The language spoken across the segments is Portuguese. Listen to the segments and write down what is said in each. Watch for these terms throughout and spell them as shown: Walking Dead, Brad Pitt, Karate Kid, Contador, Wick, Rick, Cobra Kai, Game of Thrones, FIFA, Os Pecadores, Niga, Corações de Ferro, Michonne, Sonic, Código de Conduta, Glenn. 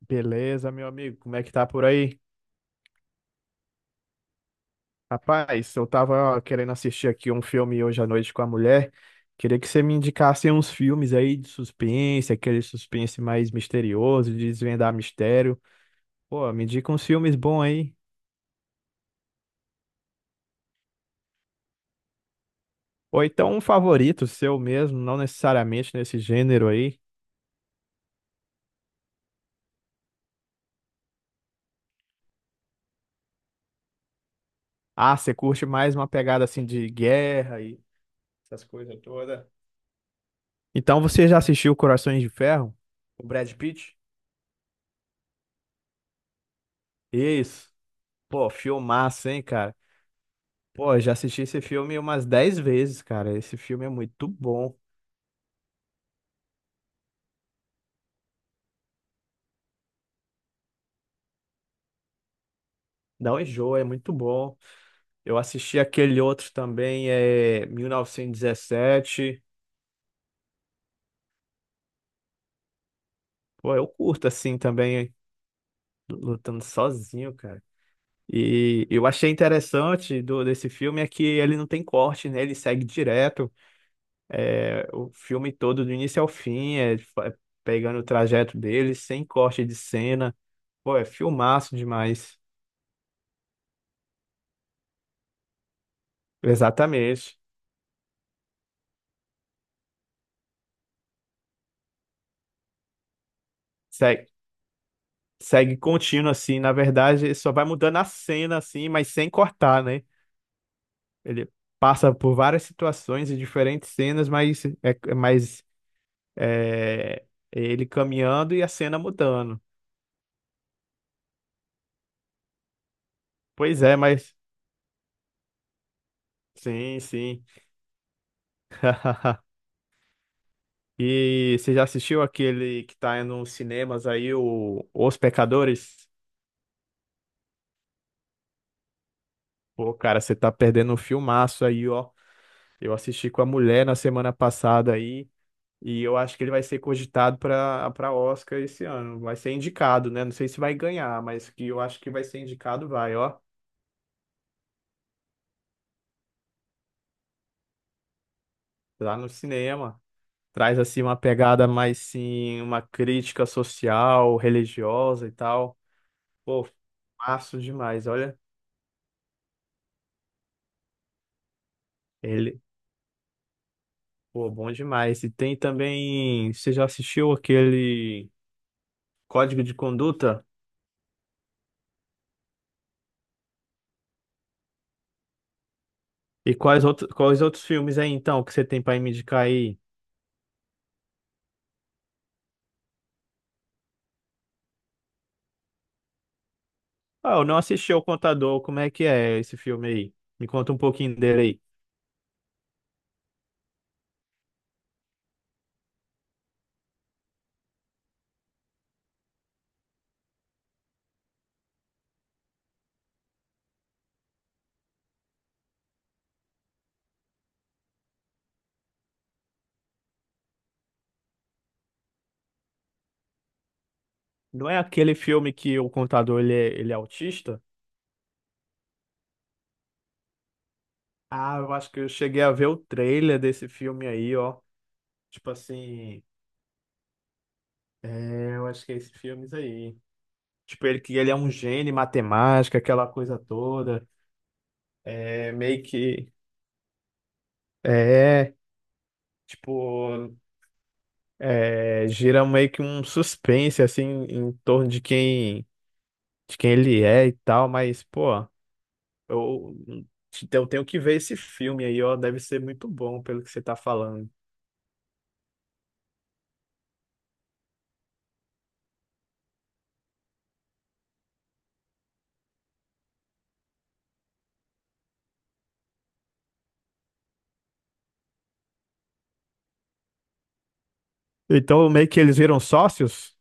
Beleza, meu amigo, como é que tá por aí? Rapaz, eu tava ó, querendo assistir aqui um filme hoje à noite com a mulher. Queria que você me indicasse uns filmes aí de suspense, aquele suspense mais misterioso, de desvendar mistério. Pô, me indica uns filmes bons aí. Ou então um favorito seu mesmo, não necessariamente nesse gênero aí. Ah, você curte mais uma pegada assim de guerra e essas coisas todas. Então você já assistiu Corações de Ferro? O Brad Pitt? Isso. Pô, filmaço, hein, cara? Pô, eu já assisti esse filme umas 10 vezes, cara. Esse filme é muito bom. Não enjoa, é muito bom. Eu assisti aquele outro também, é 1917. Pô, eu curto assim também, lutando sozinho, cara. E eu achei interessante desse filme é que ele não tem corte, né? Ele segue direto. É, o filme todo, do início ao fim, é pegando o trajeto dele, sem corte de cena. Pô, é filmaço demais. Exatamente. Segue. Segue contínuo, assim. Na verdade, só vai mudando a cena, assim, mas sem cortar, né? Ele passa por várias situações e diferentes cenas, mas é, ele caminhando e a cena mudando. Pois é, mas sim, sim. E você já assistiu aquele que tá nos cinemas aí, o Os Pecadores? Pô, cara, você tá perdendo um filmaço aí, ó. Eu assisti com a mulher na semana passada aí. E eu acho que ele vai ser cogitado para Oscar esse ano. Vai ser indicado, né? Não sei se vai ganhar, mas que eu acho que vai ser indicado, vai, ó. Lá no cinema. Traz assim uma pegada mais sim, uma crítica social, religiosa e tal. Pô, massa demais, olha. Ele, Pô, bom demais. E tem também, você já assistiu aquele Código de Conduta? E quais outros filmes aí então que você tem para me indicar aí? Ah, eu não assisti ao Contador. Como é que é esse filme aí? Me conta um pouquinho dele aí. Não é aquele filme que o contador ele é autista? Ah, eu acho que eu cheguei a ver o trailer desse filme aí, ó. Tipo assim, eu acho que é esses filmes aí. Tipo, ele que ele é um gênio em matemática, aquela coisa toda. É meio que. É, tipo, gira meio que um suspense, assim, em torno de quem, ele é e tal, mas, pô. Eu, eu tenho que ver esse filme aí, ó. Deve ser muito bom pelo que você tá falando. Então, meio que eles viram sócios?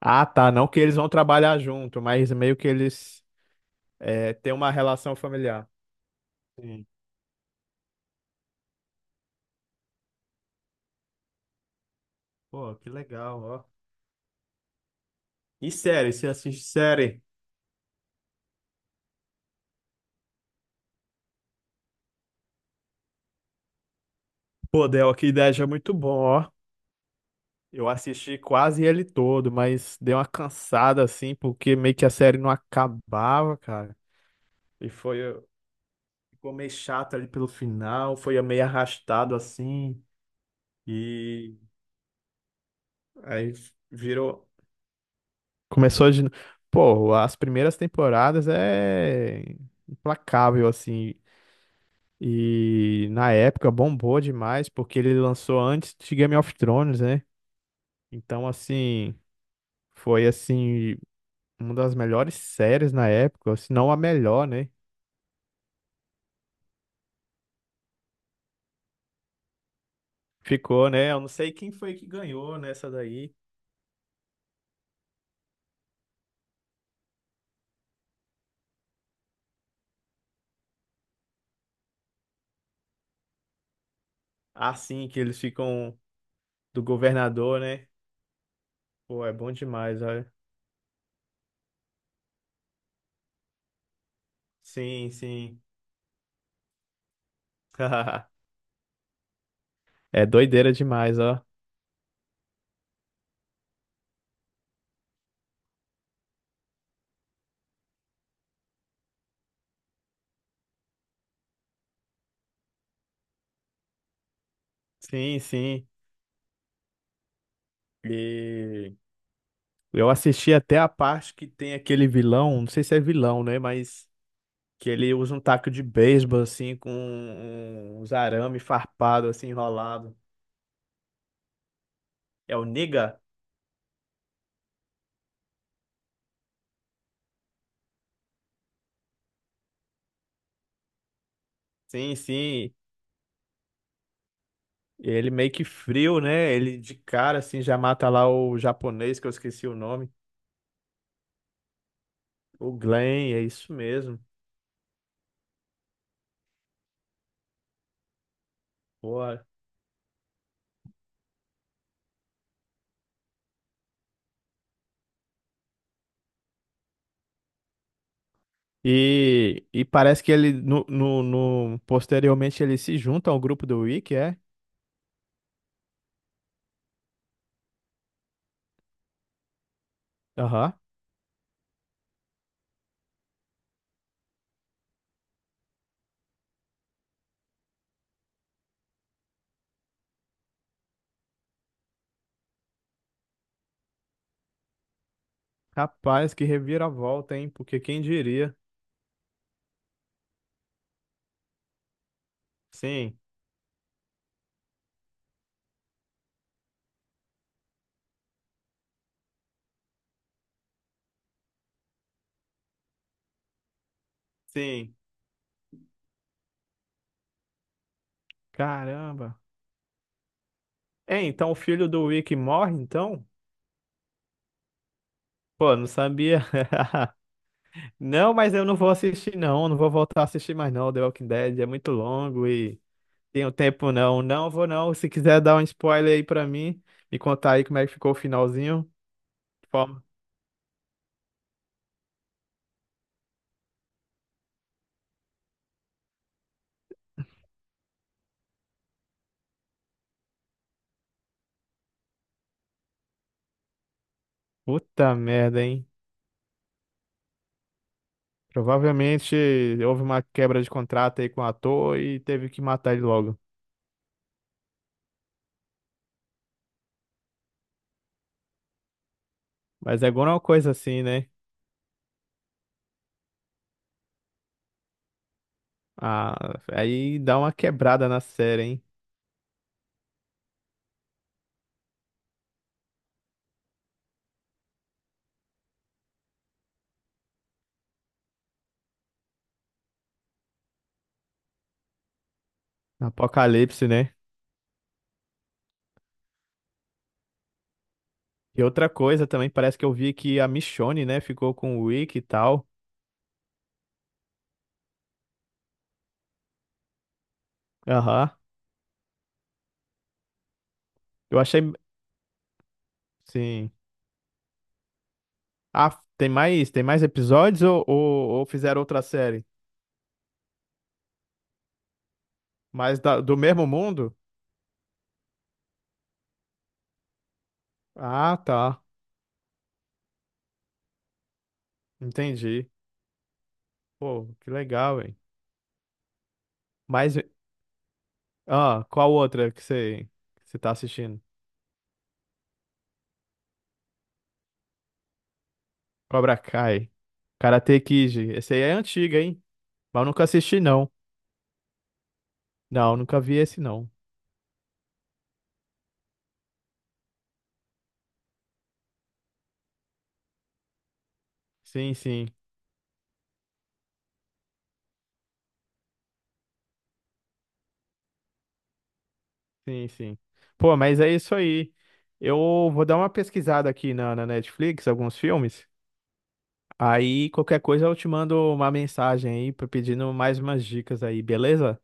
Ah, tá. Não que eles vão trabalhar junto, mas meio que eles têm uma relação familiar. Sim. Pô, que legal, ó. E série, você assiste série? Pô, del Walking ideia é muito bom, ó. Eu assisti quase ele todo, mas deu uma cansada assim, porque meio que a série não acabava, cara. E foi, ficou meio chato ali pelo final, foi meio arrastado assim. E aí virou. Começou de. Pô, as primeiras temporadas é implacável, assim. E na época bombou demais, porque ele lançou antes de Game of Thrones, né? Então, assim, foi assim, uma das melhores séries na época, se não a melhor, né? Ficou, né? Eu não sei quem foi que ganhou nessa daí. Assim que eles ficam do governador, né? Pô, é bom demais, olha. Sim, sim. É doideira demais, ó. Sim, sim. E eu assisti até a parte que tem aquele vilão, não sei se é vilão, né? Mas que ele usa um taco de beisebol, assim, com uns arame farpado, assim, enrolado. É o Niga? Sim, sim. Ele meio que frio, né? Ele de cara, assim, já mata lá o japonês, que eu esqueci o nome. O Glenn, é isso mesmo. Boa. E parece que ele, posteriormente, ele se junta ao grupo do Wiki, é? Aham. Rapaz, que reviravolta, hein? Porque quem diria? Sim, sim. Caramba. É, então o filho do Wick morre, então? Pô, não sabia. Não, mas eu não vou assistir, não. Não vou voltar a assistir mais, não. The Walking Dead é muito longo e tenho tempo, não. Não vou, não. Se quiser dar um spoiler aí pra mim, me contar aí como é que ficou o finalzinho. De forma- Puta merda, hein? Provavelmente houve uma quebra de contrato aí com o ator e teve que matar ele logo. Mas é alguma coisa assim, né? Ah, aí dá uma quebrada na série, hein? Apocalipse, né? E outra coisa também, parece que eu vi que a Michonne, né, ficou com o Rick e tal. Aham. Eu achei. Sim. Ah, tem mais episódios ou fizeram outra série? Mas do mesmo mundo? Ah, tá. Entendi. Pô, que legal, hein? Mas. Ah, qual outra que você tá assistindo? Cobra Kai. Karate Kid. Esse aí é antiga, hein? Mas eu nunca assisti, não. Não, nunca vi esse, não. Sim, sim, sim, sim. Pô, mas é isso aí. Eu vou dar uma pesquisada aqui na Netflix, alguns filmes. Aí qualquer coisa eu te mando uma mensagem aí pedindo mais umas dicas aí, beleza?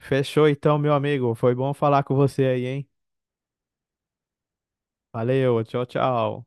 Fechou então, meu amigo. Foi bom falar com você aí, hein? Valeu, tchau, tchau.